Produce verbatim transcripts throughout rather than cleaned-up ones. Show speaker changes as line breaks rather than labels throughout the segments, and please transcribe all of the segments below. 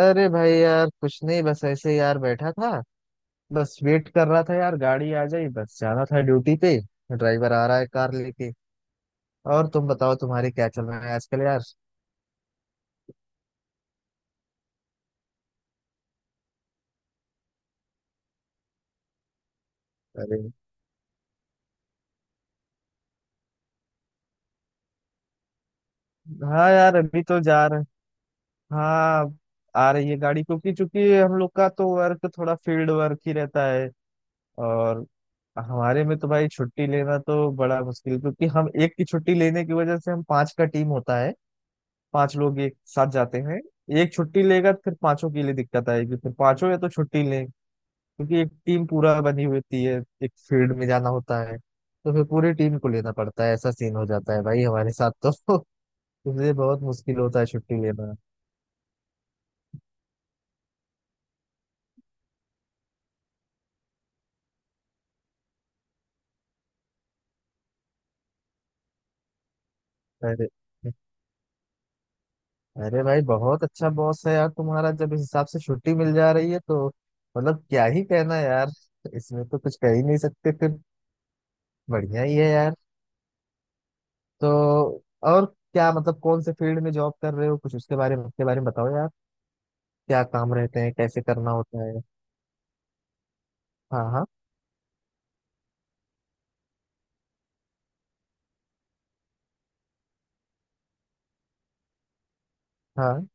अरे भाई यार कुछ नहीं। बस ऐसे ही यार बैठा था। बस वेट कर रहा था यार, गाड़ी आ जाए, बस जाना था ड्यूटी पे। ड्राइवर आ रहा है कार लेके। और तुम बताओ तुम्हारे क्या चल रहा है आजकल यार। अरे हाँ यार, अभी तो जा रहे। हाँ, आ रही है गाड़ी, क्योंकि चूंकि हम लोग का तो वर्क थोड़ा फील्ड वर्क ही रहता है। और हमारे में तो भाई छुट्टी लेना तो बड़ा मुश्किल, क्योंकि हम एक की छुट्टी लेने की वजह से, हम पांच का टीम होता है। पांच लोग एक साथ जाते हैं। एक छुट्टी लेगा तो फिर पांचों के लिए दिक्कत आएगी, फिर पांचों या तो छुट्टी लें, क्योंकि एक टीम पूरा बनी हुई होती है, एक फील्ड में जाना होता है, तो फिर पूरी टीम को लेना पड़ता है। ऐसा सीन हो जाता है भाई हमारे साथ तो। इसलिए बहुत मुश्किल होता है छुट्टी लेना। अरे, अरे भाई बहुत अच्छा बॉस है यार तुम्हारा। जब इस हिसाब से छुट्टी मिल जा रही है तो मतलब क्या ही कहना यार। इसमें तो कुछ कह ही नहीं सकते फिर। बढ़िया ही है यार। तो और क्या मतलब, कौन से फील्ड में जॉब कर रहे हो? कुछ उसके बारे में, उसके बारे में बताओ यार। क्या काम रहते हैं, कैसे करना होता है। हाँ हाँ हाँ।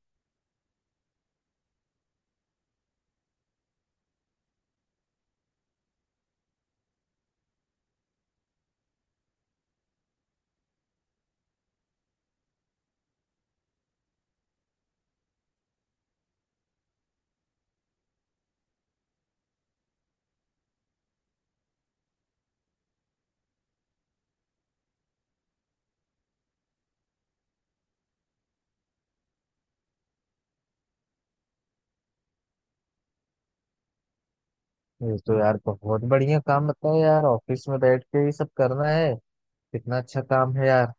ये तो यार बहुत बढ़िया काम। बताओ यार, ऑफिस में बैठ के ये सब करना है, कितना अच्छा काम है यार।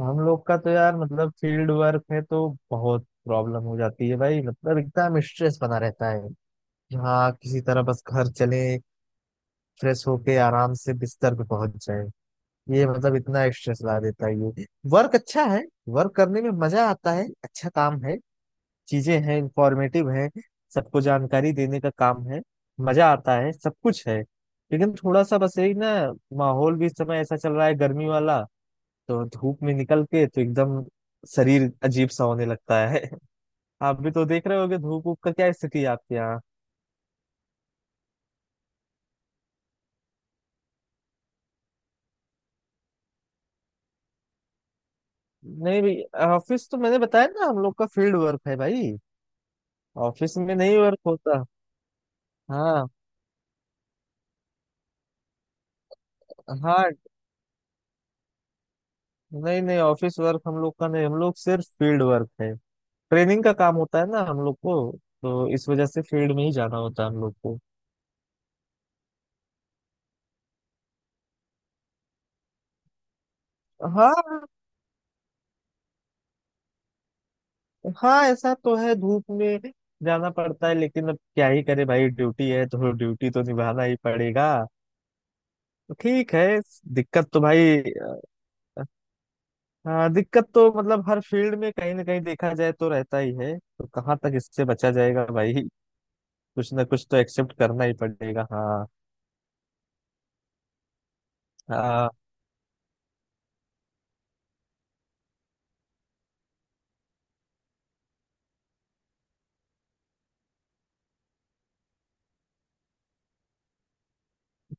हम लोग का तो यार मतलब फील्ड वर्क है, तो बहुत प्रॉब्लम हो जाती है भाई। मतलब एकदम स्ट्रेस बना रहता है कि हाँ, किसी तरह बस घर चले, फ्रेश होके आराम से बिस्तर पे पहुंच जाए। ये मतलब इतना एक्स्ट्रा ला देता है ये। वर्क अच्छा है, वर्क करने में मजा आता है, अच्छा काम है, चीजें हैं, इंफॉर्मेटिव है, सबको जानकारी देने का काम है, मजा आता है, सब कुछ है। लेकिन थोड़ा सा बस यही ना, माहौल भी इस समय ऐसा चल रहा है गर्मी वाला, तो धूप में निकल के तो एकदम शरीर अजीब सा होने लगता है। आप भी तो देख रहे होगे, धूप ऊप का क्या स्थिति है आपके यहाँ। नहीं भाई, ऑफिस तो मैंने बताया ना, हम लोग का फील्ड वर्क है भाई। ऑफिस में नहीं वर्क होता। हाँ। हाँ, नहीं नहीं, ऑफिस वर्क हम लोग का नहीं, हम लोग सिर्फ फील्ड वर्क है। ट्रेनिंग का काम होता है ना हम लोग को, तो इस वजह से फील्ड में ही जाना होता है हम लोग को। हाँ। हाँ ऐसा तो है, धूप में जाना पड़ता है, लेकिन अब क्या ही करे भाई, ड्यूटी है तो ड्यूटी तो निभाना ही पड़ेगा। ठीक है। दिक्कत तो भाई अ, हाँ, दिक्कत तो मतलब हर फील्ड में कहीं ना कहीं देखा जाए तो रहता ही है, तो कहाँ तक इससे बचा जाएगा भाई। कुछ ना कुछ तो एक्सेप्ट करना ही पड़ेगा। हाँ। हाँ।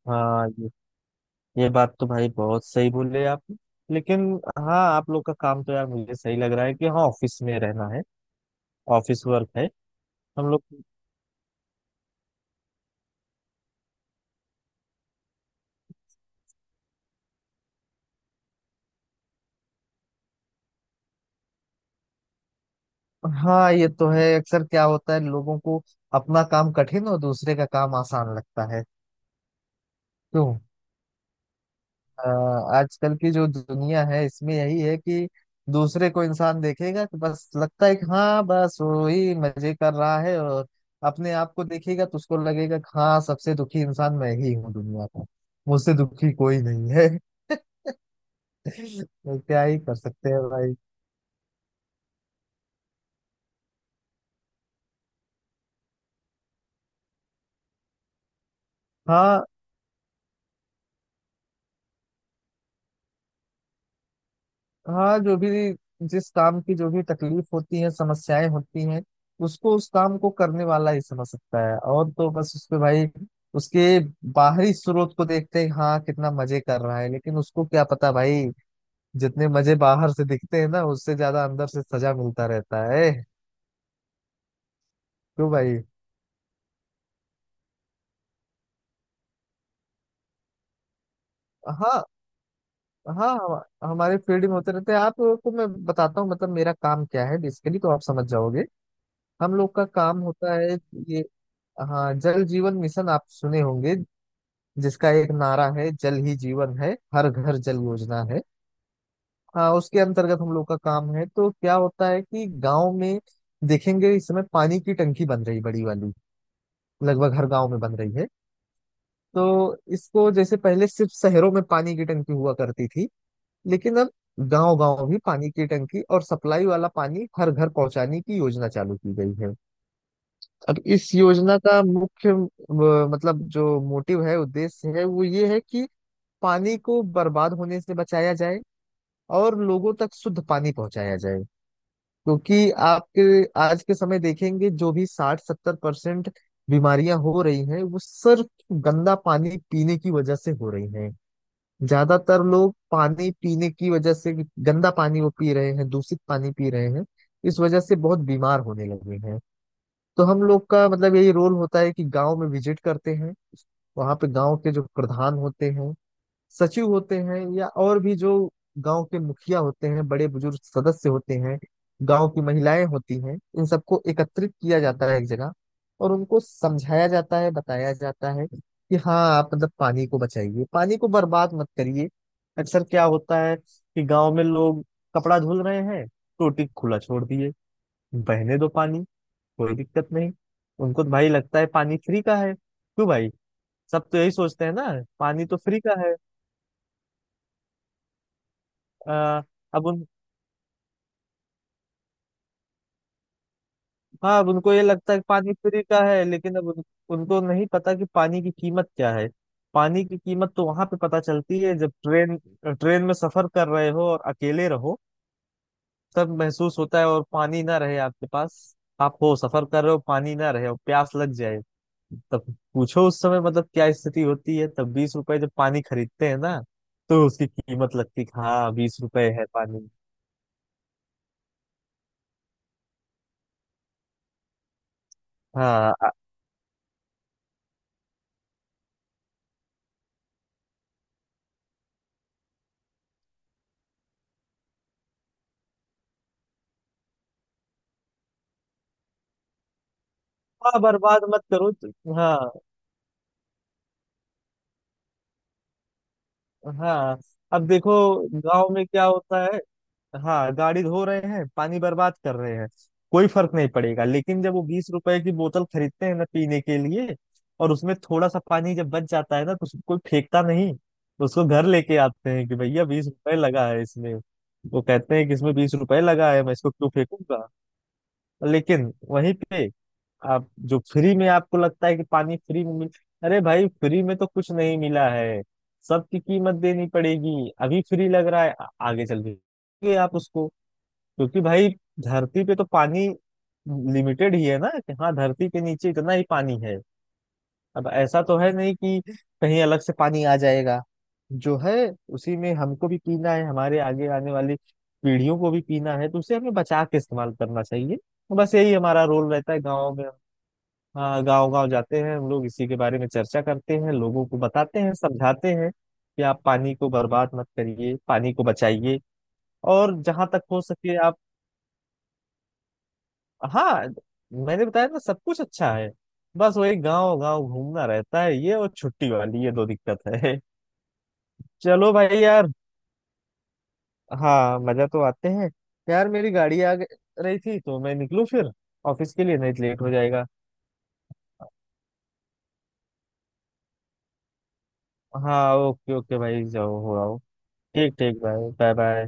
हाँ, ये बात तो भाई बहुत सही बोले आप। लेकिन हाँ, आप लोग का काम तो यार मुझे सही लग रहा है कि हाँ, ऑफिस में रहना है, ऑफिस वर्क है। हम लोग। हाँ, ये तो है, अक्सर क्या होता है, लोगों को अपना काम कठिन और दूसरे का काम आसान लगता है। क्यों। अ, आजकल की जो दुनिया है इसमें यही है कि दूसरे को इंसान देखेगा तो बस लगता है कि हाँ, बस वही मजे कर रहा है, और अपने आप को देखेगा तो उसको लगेगा कि हाँ, सबसे दुखी इंसान मैं ही हूँ दुनिया का, मुझसे दुखी कोई नहीं है। तो क्या ही कर सकते हैं भाई। हाँ। हाँ, जो भी, जिस काम की जो भी तकलीफ होती है, समस्याएं होती हैं, उसको उस काम को करने वाला ही समझ सकता है। और तो बस उसपे भाई उसके बाहरी स्रोत को देखते हैं, हाँ कितना मजे कर रहा है, लेकिन उसको क्या पता भाई, जितने मजे बाहर से दिखते हैं ना उससे ज्यादा अंदर से सजा मिलता रहता है। क्यों भाई? हाँ। हाँ, हम- हमारे फील्ड में होते रहते हैं। आपको मैं बताता हूँ, मतलब मेरा काम क्या है बेसिकली, तो आप समझ जाओगे। हम लोग का काम होता है ये, हाँ, जल जीवन मिशन आप सुने होंगे, जिसका एक नारा है जल ही जीवन है, हर घर जल योजना है। हाँ, उसके अंतर्गत हम लोग का काम है। तो क्या होता है कि गांव में देखेंगे इस समय पानी की टंकी बन रही बड़ी वाली, लगभग हर गांव में बन रही है। तो इसको जैसे पहले सिर्फ शहरों में पानी की टंकी हुआ करती थी, लेकिन अब गांव गांव भी पानी की टंकी और सप्लाई वाला पानी हर घर पहुंचाने की योजना चालू की गई है। अब इस योजना का मुख्य अ, मतलब जो मोटिव है, उद्देश्य है, वो ये है कि पानी को बर्बाद होने से बचाया जाए और लोगों तक शुद्ध पानी पहुंचाया जाए। क्योंकि आपके आज के समय देखेंगे जो भी साठ सत्तर परसेंट बीमारियां हो रही हैं वो सिर्फ गंदा पानी पीने की वजह से हो रही हैं। ज्यादातर लोग पानी पीने की वजह से गंदा पानी वो पी रहे हैं, दूषित पानी पी रहे हैं, इस वजह से बहुत बीमार होने लगे हैं। तो हम लोग का मतलब यही रोल होता है कि गांव में विजिट करते हैं, वहां पे गांव के जो प्रधान होते हैं, सचिव होते हैं, या और भी जो गांव के मुखिया होते हैं, बड़े बुजुर्ग सदस्य होते हैं, गांव की महिलाएं होती हैं, इन सबको एकत्रित किया जाता है एक जगह, और उनको समझाया जाता है, बताया जाता है कि हाँ आप मतलब पानी को बचाइए, पानी को बर्बाद मत करिए। अक्सर क्या होता है कि गांव में लोग कपड़ा धुल रहे हैं, टोटी खुला छोड़ दिए, बहने दो पानी, कोई दिक्कत नहीं। उनको तो भाई लगता है पानी फ्री का है। क्यों भाई, सब तो यही सोचते हैं ना, पानी तो फ्री का है। आ, अब उन हाँ, अब उनको ये लगता है कि पानी फ्री का है, लेकिन अब उन, उनको नहीं पता कि पानी की कीमत क्या है। पानी की कीमत तो वहां पे पता चलती है जब ट्रेन ट्रेन में सफर कर रहे हो और अकेले रहो, तब महसूस होता है, और पानी ना रहे आपके पास, आप हो सफर कर रहे हो, पानी ना रहे और प्यास लग जाए, तब पूछो उस समय मतलब क्या स्थिति होती है, तब बीस रुपए जब पानी खरीदते हैं ना, तो उसकी कीमत लगती कि हाँ बीस रुपए है पानी। हाँ अ- हाँ, बर्बाद मत करो तो- हाँ। हाँ, अब देखो गांव में क्या होता है, हाँ गाड़ी धो रहे हैं, पानी बर्बाद कर रहे हैं, कोई फर्क नहीं पड़ेगा। लेकिन जब वो बीस रुपए की बोतल खरीदते हैं ना पीने के लिए, और उसमें थोड़ा सा पानी जब बच जाता है ना, तो उसको कोई फेंकता नहीं, तो उसको घर लेके आते हैं कि भैया बीस रुपए लगा है इसमें। वो कहते हैं कि इसमें बीस रुपए लगा है, मैं इसको क्यों फेंकूंगा। लेकिन वहीं पे आप जो फ्री में, आपको लगता है कि पानी फ्री में मिल, अरे भाई फ्री में तो कुछ नहीं मिला है, सबकी कीमत देनी पड़ेगी। अभी फ्री लग रहा है आ- आगे चल के आप उसको, क्योंकि भाई धरती पे तो पानी लिमिटेड ही है ना, कि हाँ धरती के नीचे इतना ही पानी है। अब ऐसा तो है नहीं कि कहीं अलग से पानी आ जाएगा। जो है उसी में हमको भी पीना है, हमारे आगे आने वाली पीढ़ियों को भी पीना है, तो उसे हमें बचा के इस्तेमाल करना चाहिए। तो बस यही हमारा रोल रहता है गाँव में। हाँ, गाँव गाँव जाते हैं हम लोग, इसी के बारे में चर्चा करते हैं, लोगों को बताते हैं, समझाते हैं कि आप पानी को बर्बाद मत करिए, पानी को बचाइए और जहां तक हो सके आप। हाँ, मैंने बताया ना सब कुछ अच्छा है। बस वही गांव गांव घूमना रहता है ये, और छुट्टी वाली, ये दो दिक्कत है। चलो भाई यार, हाँ मजा तो आते हैं। यार मेरी गाड़ी आ ग- रही थी, तो मैं निकलूं फिर ऑफिस के लिए, नहीं तो लेट हो जाएगा। हाँ ओके ओके भाई, जाओ हो आओ। ठीक ठीक भाई, बाय बाय।